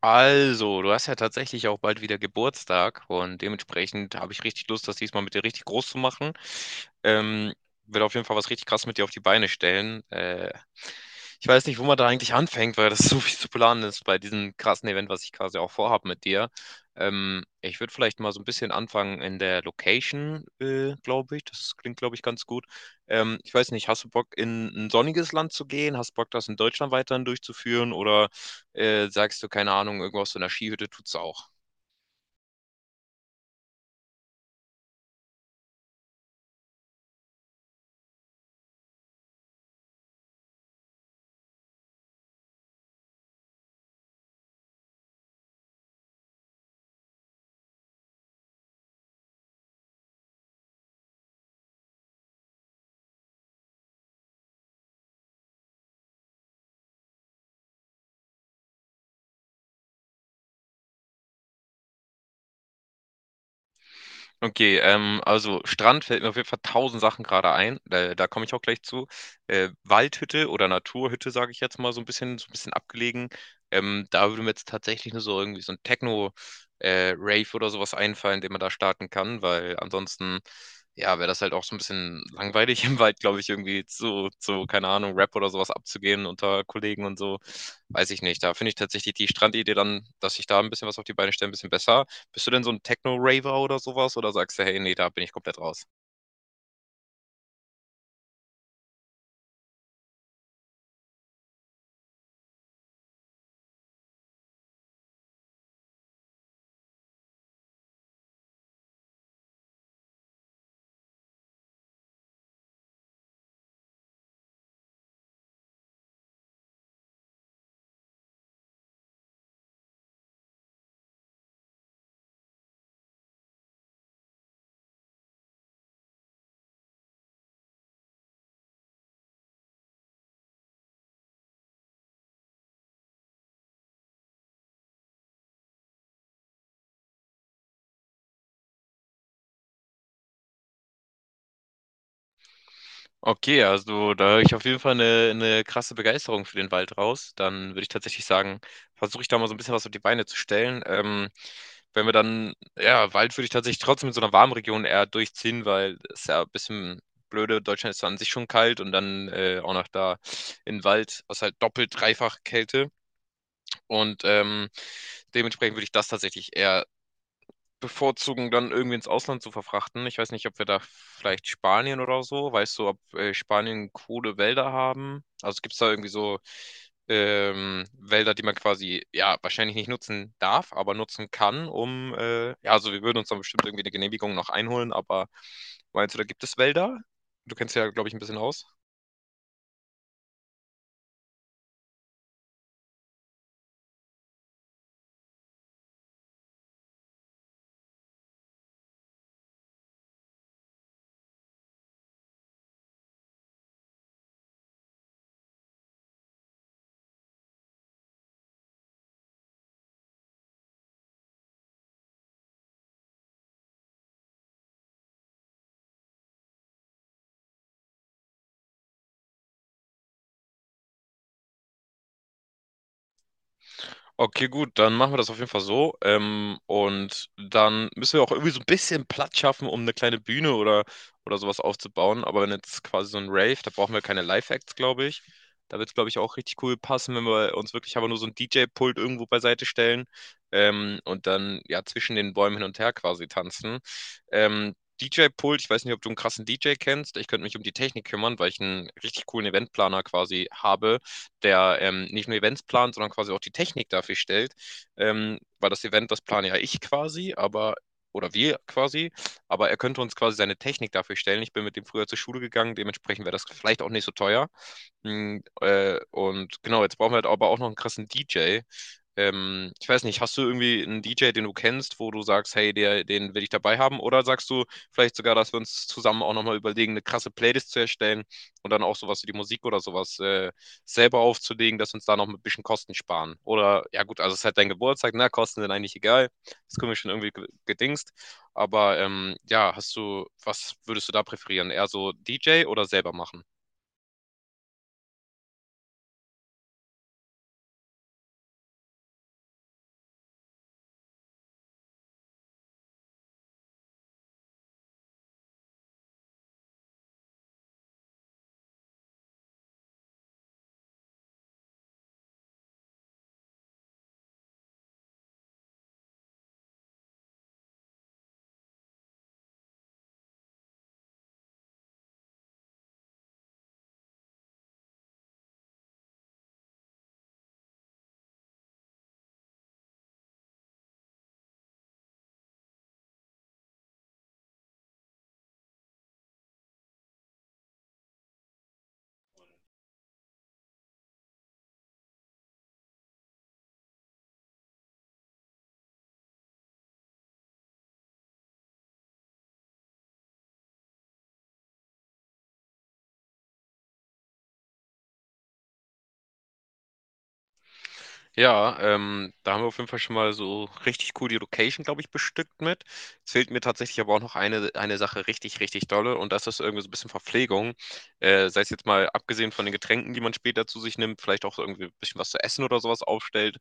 Also, du hast ja tatsächlich auch bald wieder Geburtstag und dementsprechend habe ich richtig Lust, das diesmal mit dir richtig groß zu machen. Ähm, will auf jeden Fall was richtig krass mit dir auf die Beine stellen. Ich weiß nicht, wo man da eigentlich anfängt, weil das so viel zu planen ist bei diesem krassen Event, was ich quasi auch vorhabe mit dir. Ich würde vielleicht mal so ein bisschen anfangen in der Location, glaube ich. Das klingt, glaube ich, ganz gut. Ich weiß nicht, hast du Bock, in ein sonniges Land zu gehen? Hast du Bock, das in Deutschland weiterhin durchzuführen, oder sagst du, keine Ahnung, irgendwo aus so einer Skihütte tut's auch. Okay, also Strand fällt mir auf jeden Fall tausend Sachen gerade ein. Da komme ich auch gleich zu. Waldhütte oder Naturhütte, sage ich jetzt mal, so ein bisschen abgelegen. Da würde mir jetzt tatsächlich nur so irgendwie so ein Techno, Rave oder sowas einfallen, den man da starten kann, weil ansonsten, ja, wäre das halt auch so ein bisschen langweilig im Wald, glaube ich, irgendwie zu, keine Ahnung, Rap oder sowas abzugehen unter Kollegen und so. Weiß ich nicht. Da finde ich tatsächlich die Strandidee dann, dass ich da ein bisschen was auf die Beine stelle, ein bisschen besser. Bist du denn so ein Techno-Raver oder sowas? Oder sagst du, hey, nee, da bin ich komplett raus? Okay, also da höre ich auf jeden Fall eine krasse Begeisterung für den Wald raus. Dann würde ich tatsächlich sagen, versuche ich da mal so ein bisschen was auf die Beine zu stellen. Wenn wir dann, ja, Wald würde ich tatsächlich trotzdem in so einer warmen Region eher durchziehen, weil es ist ja ein bisschen blöde. Deutschland ist zwar an sich schon kalt und dann auch noch da in Wald, was halt doppelt, dreifach Kälte. Und dementsprechend würde ich das tatsächlich eher bevorzugen, dann irgendwie ins Ausland zu verfrachten. Ich weiß nicht, ob wir da vielleicht Spanien oder so, weißt du, ob Spanien coole Wälder haben? Also gibt es da irgendwie so Wälder, die man quasi, ja, wahrscheinlich nicht nutzen darf, aber nutzen kann, um, ja, also wir würden uns dann bestimmt irgendwie eine Genehmigung noch einholen, aber meinst du, da gibt es Wälder? Du kennst ja, glaube ich, ein bisschen aus. Okay, gut, dann machen wir das auf jeden Fall so. Und dann müssen wir auch irgendwie so ein bisschen Platz schaffen, um eine kleine Bühne oder sowas aufzubauen. Aber wenn jetzt quasi so ein Rave, da brauchen wir keine Live-Acts, glaube ich. Da wird es, glaube ich, auch richtig cool passen, wenn wir uns wirklich aber nur so ein DJ-Pult irgendwo beiseite stellen und dann ja zwischen den Bäumen hin und her quasi tanzen. Ähm, DJ-Pult, ich weiß nicht, ob du einen krassen DJ kennst. Ich könnte mich um die Technik kümmern, weil ich einen richtig coolen Eventplaner quasi habe, der nicht nur Events plant, sondern quasi auch die Technik dafür stellt. Weil das Event, das plane ja ich quasi, aber oder wir quasi, aber er könnte uns quasi seine Technik dafür stellen. Ich bin mit dem früher zur Schule gegangen, dementsprechend wäre das vielleicht auch nicht so teuer. Und genau, jetzt brauchen wir halt aber auch noch einen krassen DJ. Ich weiß nicht, hast du irgendwie einen DJ, den du kennst, wo du sagst, hey, der, den will ich dabei haben? Oder sagst du vielleicht sogar, dass wir uns zusammen auch nochmal überlegen, eine krasse Playlist zu erstellen und dann auch sowas wie die Musik oder sowas selber aufzulegen, dass wir uns da noch ein bisschen Kosten sparen? Oder, ja gut, also es ist halt dein Geburtstag, na, Kosten sind eigentlich egal. Das können wir schon irgendwie gedingst. Aber ja, was würdest du da präferieren? Eher so DJ oder selber machen? Ja, da haben wir auf jeden Fall schon mal so richtig cool die Location, glaube ich, bestückt mit. Jetzt fehlt mir tatsächlich aber auch noch eine Sache richtig, richtig dolle und das ist irgendwie so ein bisschen Verpflegung. Sei es jetzt mal abgesehen von den Getränken, die man später zu sich nimmt, vielleicht auch irgendwie ein bisschen was zu essen oder sowas aufstellt.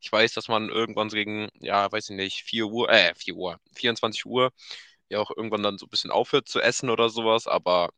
Ich weiß, dass man irgendwann so gegen, ja, weiß ich nicht, 4 Uhr, 4 Uhr, 24 Uhr ja auch irgendwann dann so ein bisschen aufhört zu essen oder sowas, aber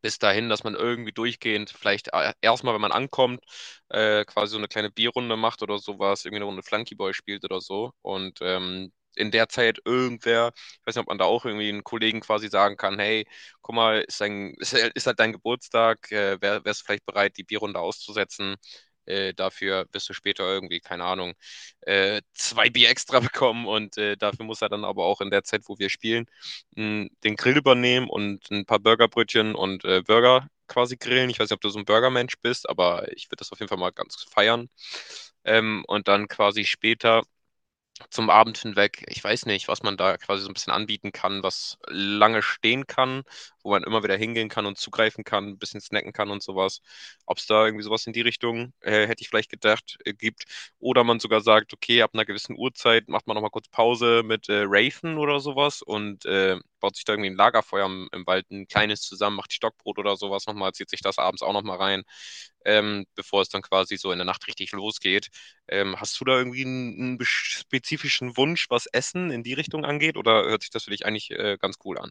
bis dahin, dass man irgendwie durchgehend vielleicht erstmal, wenn man ankommt, quasi so eine kleine Bierrunde macht oder sowas, irgendwie eine Runde Flunkyball spielt oder so. Und in der Zeit irgendwer, ich weiß nicht, ob man da auch irgendwie einen Kollegen quasi sagen kann, hey, guck mal, ist halt dein Geburtstag, wärst du vielleicht bereit, die Bierrunde auszusetzen? Dafür wirst du später irgendwie, keine Ahnung, zwei Bier extra bekommen und dafür muss er dann aber auch in der Zeit, wo wir spielen, den Grill übernehmen und ein paar Burgerbrötchen und Burger quasi grillen. Ich weiß nicht, ob du so ein Burgermensch bist, aber ich würde das auf jeden Fall mal ganz feiern. Und dann quasi später zum Abend hinweg. Ich weiß nicht, was man da quasi so ein bisschen anbieten kann, was lange stehen kann, wo man immer wieder hingehen kann und zugreifen kann, ein bisschen snacken kann und sowas. Ob es da irgendwie sowas in die Richtung, hätte ich vielleicht gedacht, gibt. Oder man sogar sagt, okay, ab einer gewissen Uhrzeit macht man nochmal kurz Pause mit Raven oder sowas und baut sich da irgendwie ein Lagerfeuer im Wald, ein kleines zusammen, macht Stockbrot oder sowas nochmal, zieht sich das abends auch nochmal rein, bevor es dann quasi so in der Nacht richtig losgeht. Hast du da irgendwie einen, spezifischen Wunsch, was Essen in die Richtung angeht, oder hört sich das für dich eigentlich ganz cool an?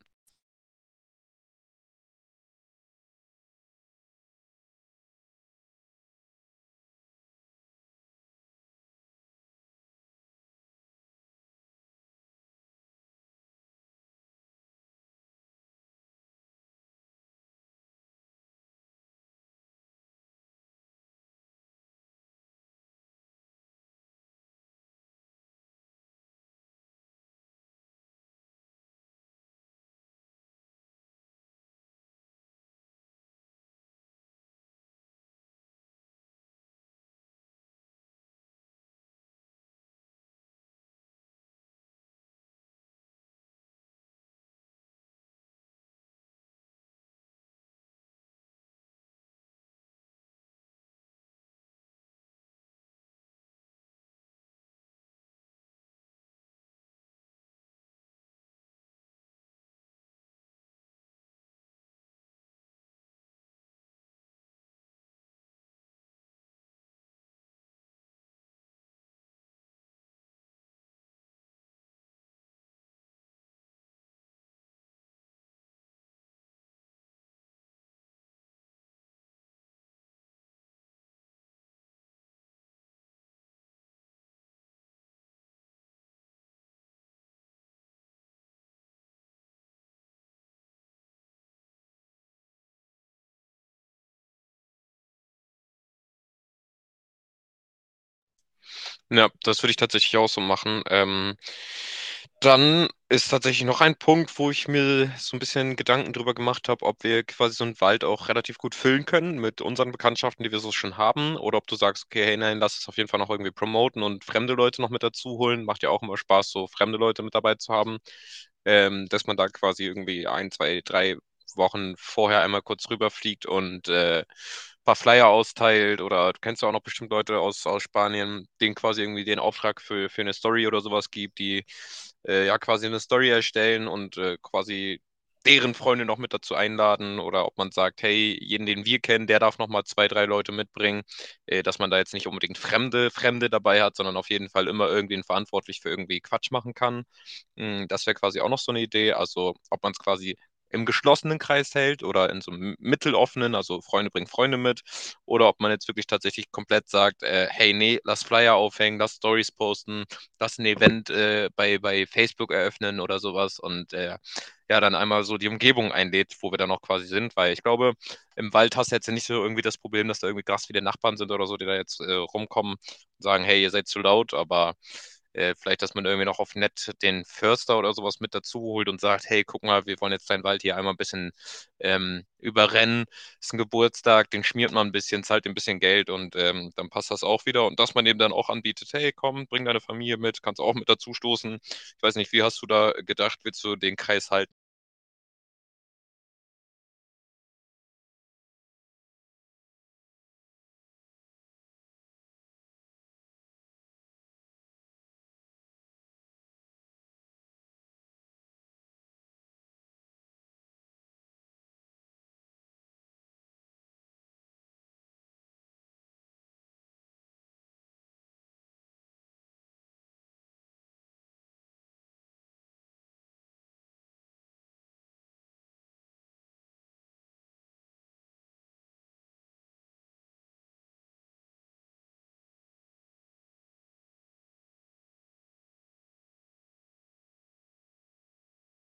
Ja, das würde ich tatsächlich auch so machen. Dann ist tatsächlich noch ein Punkt, wo ich mir so ein bisschen Gedanken drüber gemacht habe, ob wir quasi so einen Wald auch relativ gut füllen können mit unseren Bekanntschaften, die wir so schon haben, oder ob du sagst, okay, hey, nein, lass es auf jeden Fall noch irgendwie promoten und fremde Leute noch mit dazu holen. Macht ja auch immer Spaß, so fremde Leute mit dabei zu haben, dass man da quasi irgendwie ein, zwei, drei Wochen vorher einmal kurz rüberfliegt und ein paar Flyer austeilt oder du kennst ja auch noch bestimmt Leute aus Spanien, denen quasi irgendwie den Auftrag für eine Story oder sowas gibt, die ja quasi eine Story erstellen und quasi deren Freunde noch mit dazu einladen oder ob man sagt, hey, jeden, den wir kennen, der darf noch mal zwei, drei Leute mitbringen, dass man da jetzt nicht unbedingt Fremde dabei hat, sondern auf jeden Fall immer irgendwen verantwortlich für irgendwie Quatsch machen kann. Das wäre quasi auch noch so eine Idee. Also ob man es quasi im geschlossenen Kreis hält oder in so einem mitteloffenen, also Freunde bringen Freunde mit, oder ob man jetzt wirklich tatsächlich komplett sagt, hey, nee, lass Flyer aufhängen, lass Stories posten, lass ein Event bei Facebook eröffnen oder sowas und ja, dann einmal so die Umgebung einlädt, wo wir dann auch quasi sind, weil ich glaube, im Wald hast du jetzt ja nicht so irgendwie das Problem, dass da irgendwie krass viele Nachbarn sind oder so, die da jetzt rumkommen sagen, hey, ihr seid zu laut, aber vielleicht, dass man irgendwie noch auf nett den Förster oder sowas mit dazu holt und sagt, hey, guck mal, wir wollen jetzt deinen Wald hier einmal ein bisschen überrennen. Ist ein Geburtstag, den schmiert man ein bisschen, zahlt ein bisschen Geld und dann passt das auch wieder. Und dass man eben dann auch anbietet, hey, komm, bring deine Familie mit, kannst auch mit dazu stoßen. Ich weiß nicht, wie hast du da gedacht, willst du den Kreis halten?